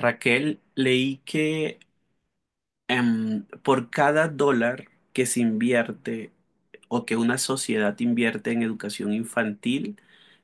Raquel, leí que por cada dólar que se invierte o que una sociedad invierte en educación infantil,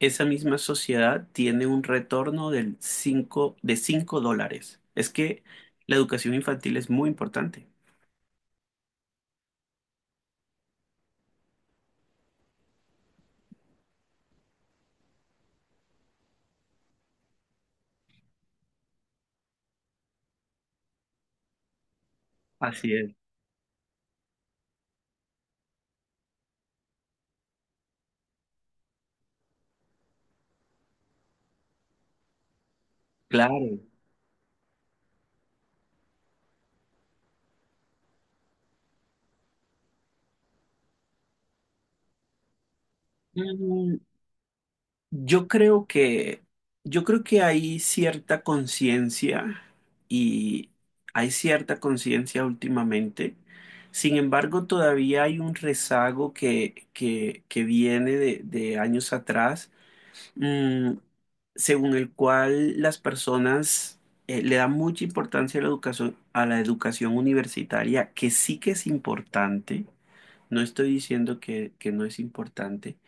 esa misma sociedad tiene un retorno de $5. Es que la educación infantil es muy importante. Así es. Claro. Mm, Yo creo que, yo creo que hay cierta conciencia y hay cierta conciencia últimamente. Sin embargo, todavía hay un rezago que viene de años atrás, mm, según el cual las personas le dan mucha importancia a la educación universitaria, que sí que es importante. No estoy diciendo que no es importante,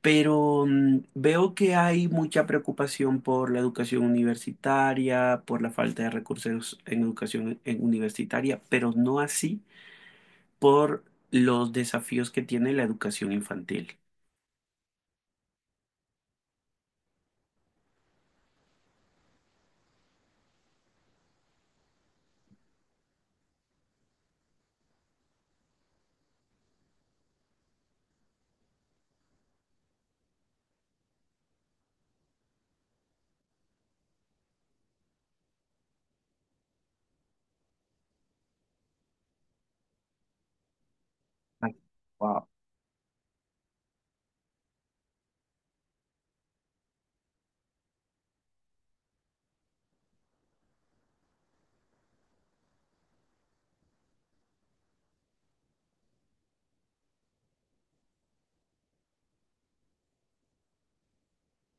pero veo que hay mucha preocupación por la educación universitaria, por la falta de recursos en universitaria, pero no así por los desafíos que tiene la educación infantil. Ay, wow.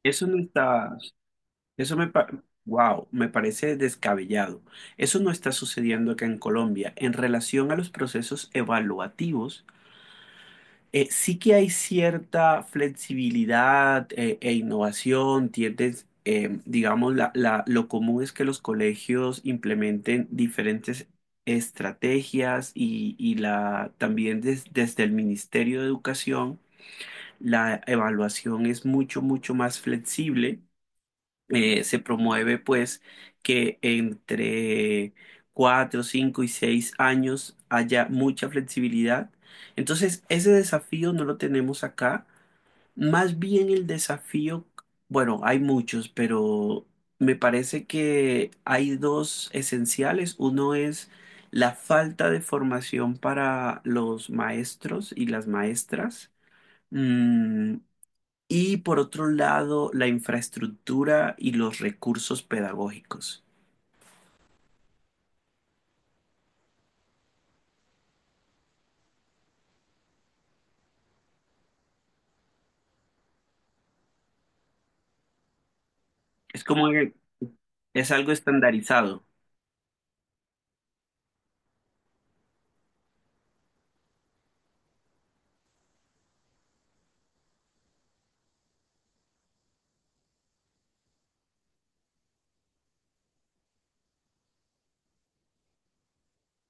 Eso no está, eso me, wow, me parece descabellado. Eso no está sucediendo acá en Colombia en relación a los procesos evaluativos. Eh, sí que hay cierta flexibilidad e innovación, tiendes, digamos, lo común es que los colegios implementen diferentes estrategias también desde el Ministerio de Educación la evaluación es mucho, mucho más flexible. Eh, se promueve pues que entre 4, 5 y 6 años haya mucha flexibilidad. Entonces, ese desafío no lo tenemos acá. Más bien el desafío, bueno, hay muchos, pero me parece que hay dos esenciales. Uno es la falta de formación para los maestros y las maestras. Mm, y por otro lado, la infraestructura y los recursos pedagógicos. Es como que es algo estandarizado.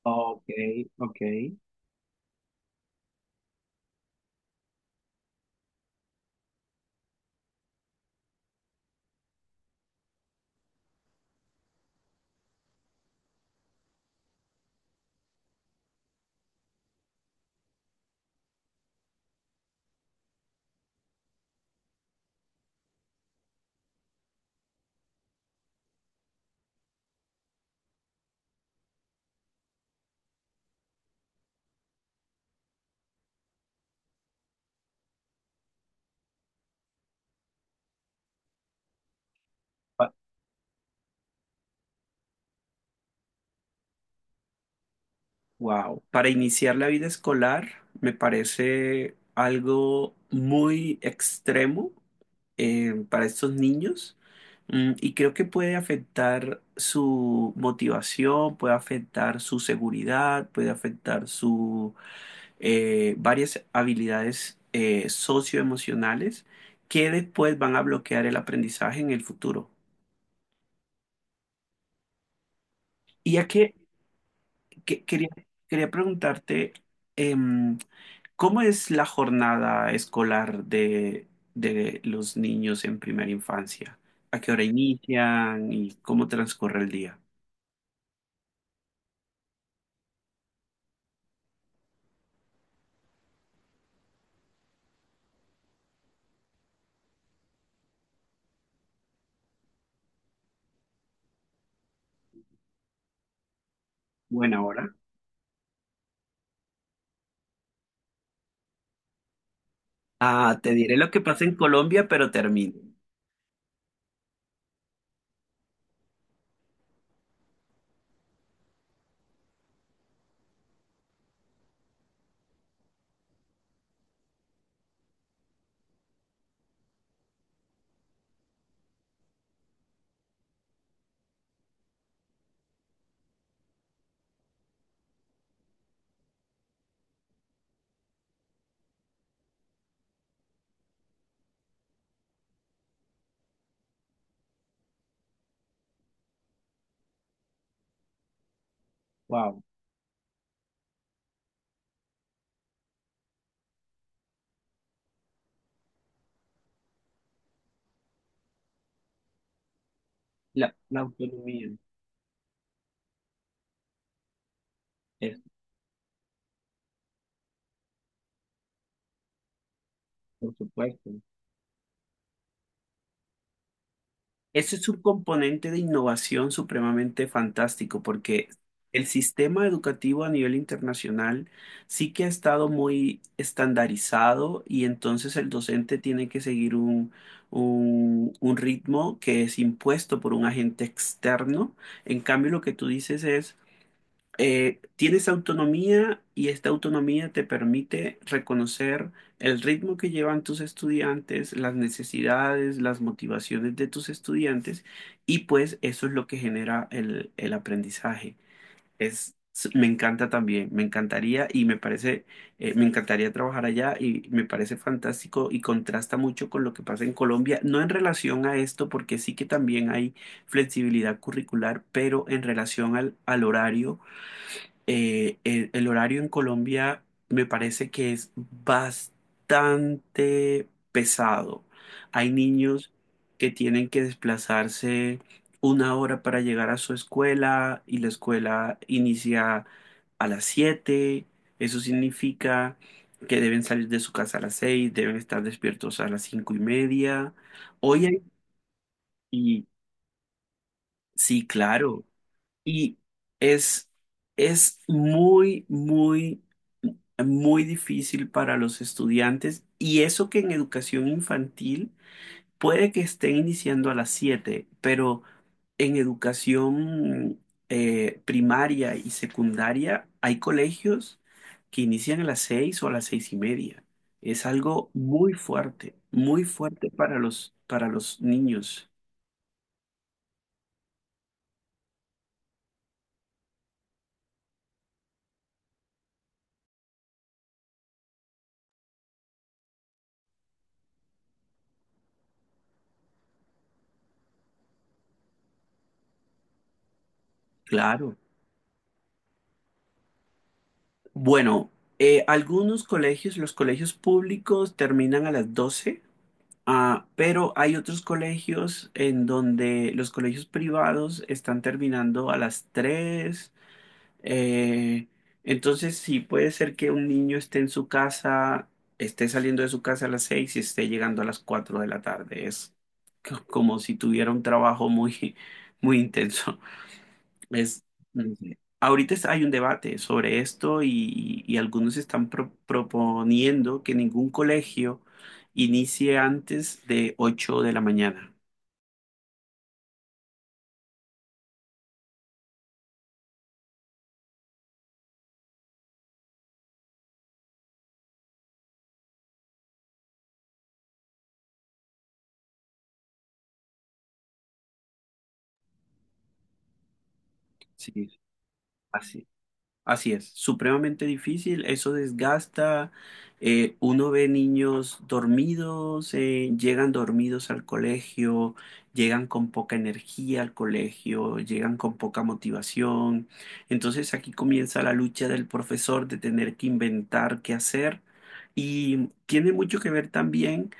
Ok, ok. Wow. Para iniciar la vida escolar me parece algo muy extremo para estos niños. Mm, y creo que puede afectar su motivación, puede afectar su seguridad, puede afectar su varias habilidades socioemocionales que después van a bloquear el aprendizaje en el futuro. Y ya que, que- quería, quería preguntarte, em, ¿cómo es la jornada escolar de los niños en primera infancia? ¿A qué hora inician y cómo transcurre el día? Buena hora. Ah, te diré lo que pasa en Colombia, pero termino. Wow, la autonomía, es, por supuesto. Eso es un componente de innovación supremamente fantástico porque el sistema educativo a nivel internacional sí que ha estado muy estandarizado y entonces el docente tiene que seguir un ritmo que es impuesto por un agente externo. En cambio, lo que tú dices es tienes autonomía y esta autonomía te permite reconocer el ritmo que llevan tus estudiantes, las necesidades, las motivaciones de tus estudiantes y pues eso es lo que genera el aprendizaje. Me encanta también, me encantaría y me parece, me encantaría trabajar allá y me parece fantástico y contrasta mucho con lo que pasa en Colombia, no en relación a esto, porque sí que también hay flexibilidad curricular, pero en relación al al horario, el horario en Colombia me parece que es bastante pesado. Hay niños que tienen que desplazarse una hora para llegar a su escuela y la escuela inicia a las 7. Eso significa que deben salir de su casa a las 6, deben estar despiertos a las 5:30. Hoy hay... Y sí, claro. Y es, es muy, muy, muy difícil para los estudiantes. Y eso que en educación infantil puede que estén iniciando a las 7, pero en educación primaria y secundaria hay colegios que inician a las 6 o a las 6:30. Es algo muy fuerte para los niños. Claro. Bueno, algunos colegios, los colegios públicos terminan a las 12, ah, pero hay otros colegios en donde los colegios privados están terminando a las 3. eh, entonces, sí, puede ser que un niño esté en su casa, esté saliendo de su casa a las 6 y esté llegando a las 4 de la tarde. Es como si tuviera un trabajo muy, muy intenso. Es, no sé. Hay un debate sobre esto y algunos están proponiendo que ningún colegio inicie antes de 8 de la mañana. Sí, así. Así es, supremamente difícil, eso desgasta, uno ve niños dormidos, llegan dormidos al colegio, llegan con poca energía al colegio, llegan con poca motivación. Entonces aquí comienza la lucha del profesor de tener que inventar qué hacer y tiene mucho que ver también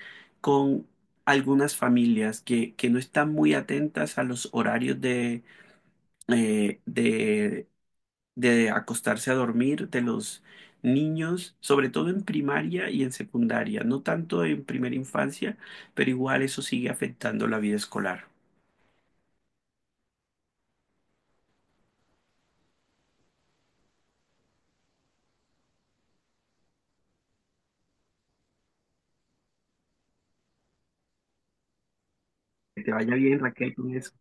con algunas familias que no están muy atentas a los horarios de, eh, de de acostarse a dormir de los niños, sobre todo en primaria y en secundaria, no tanto en primera infancia, pero igual eso sigue afectando la vida escolar. Que te vaya bien, Raquel, con eso.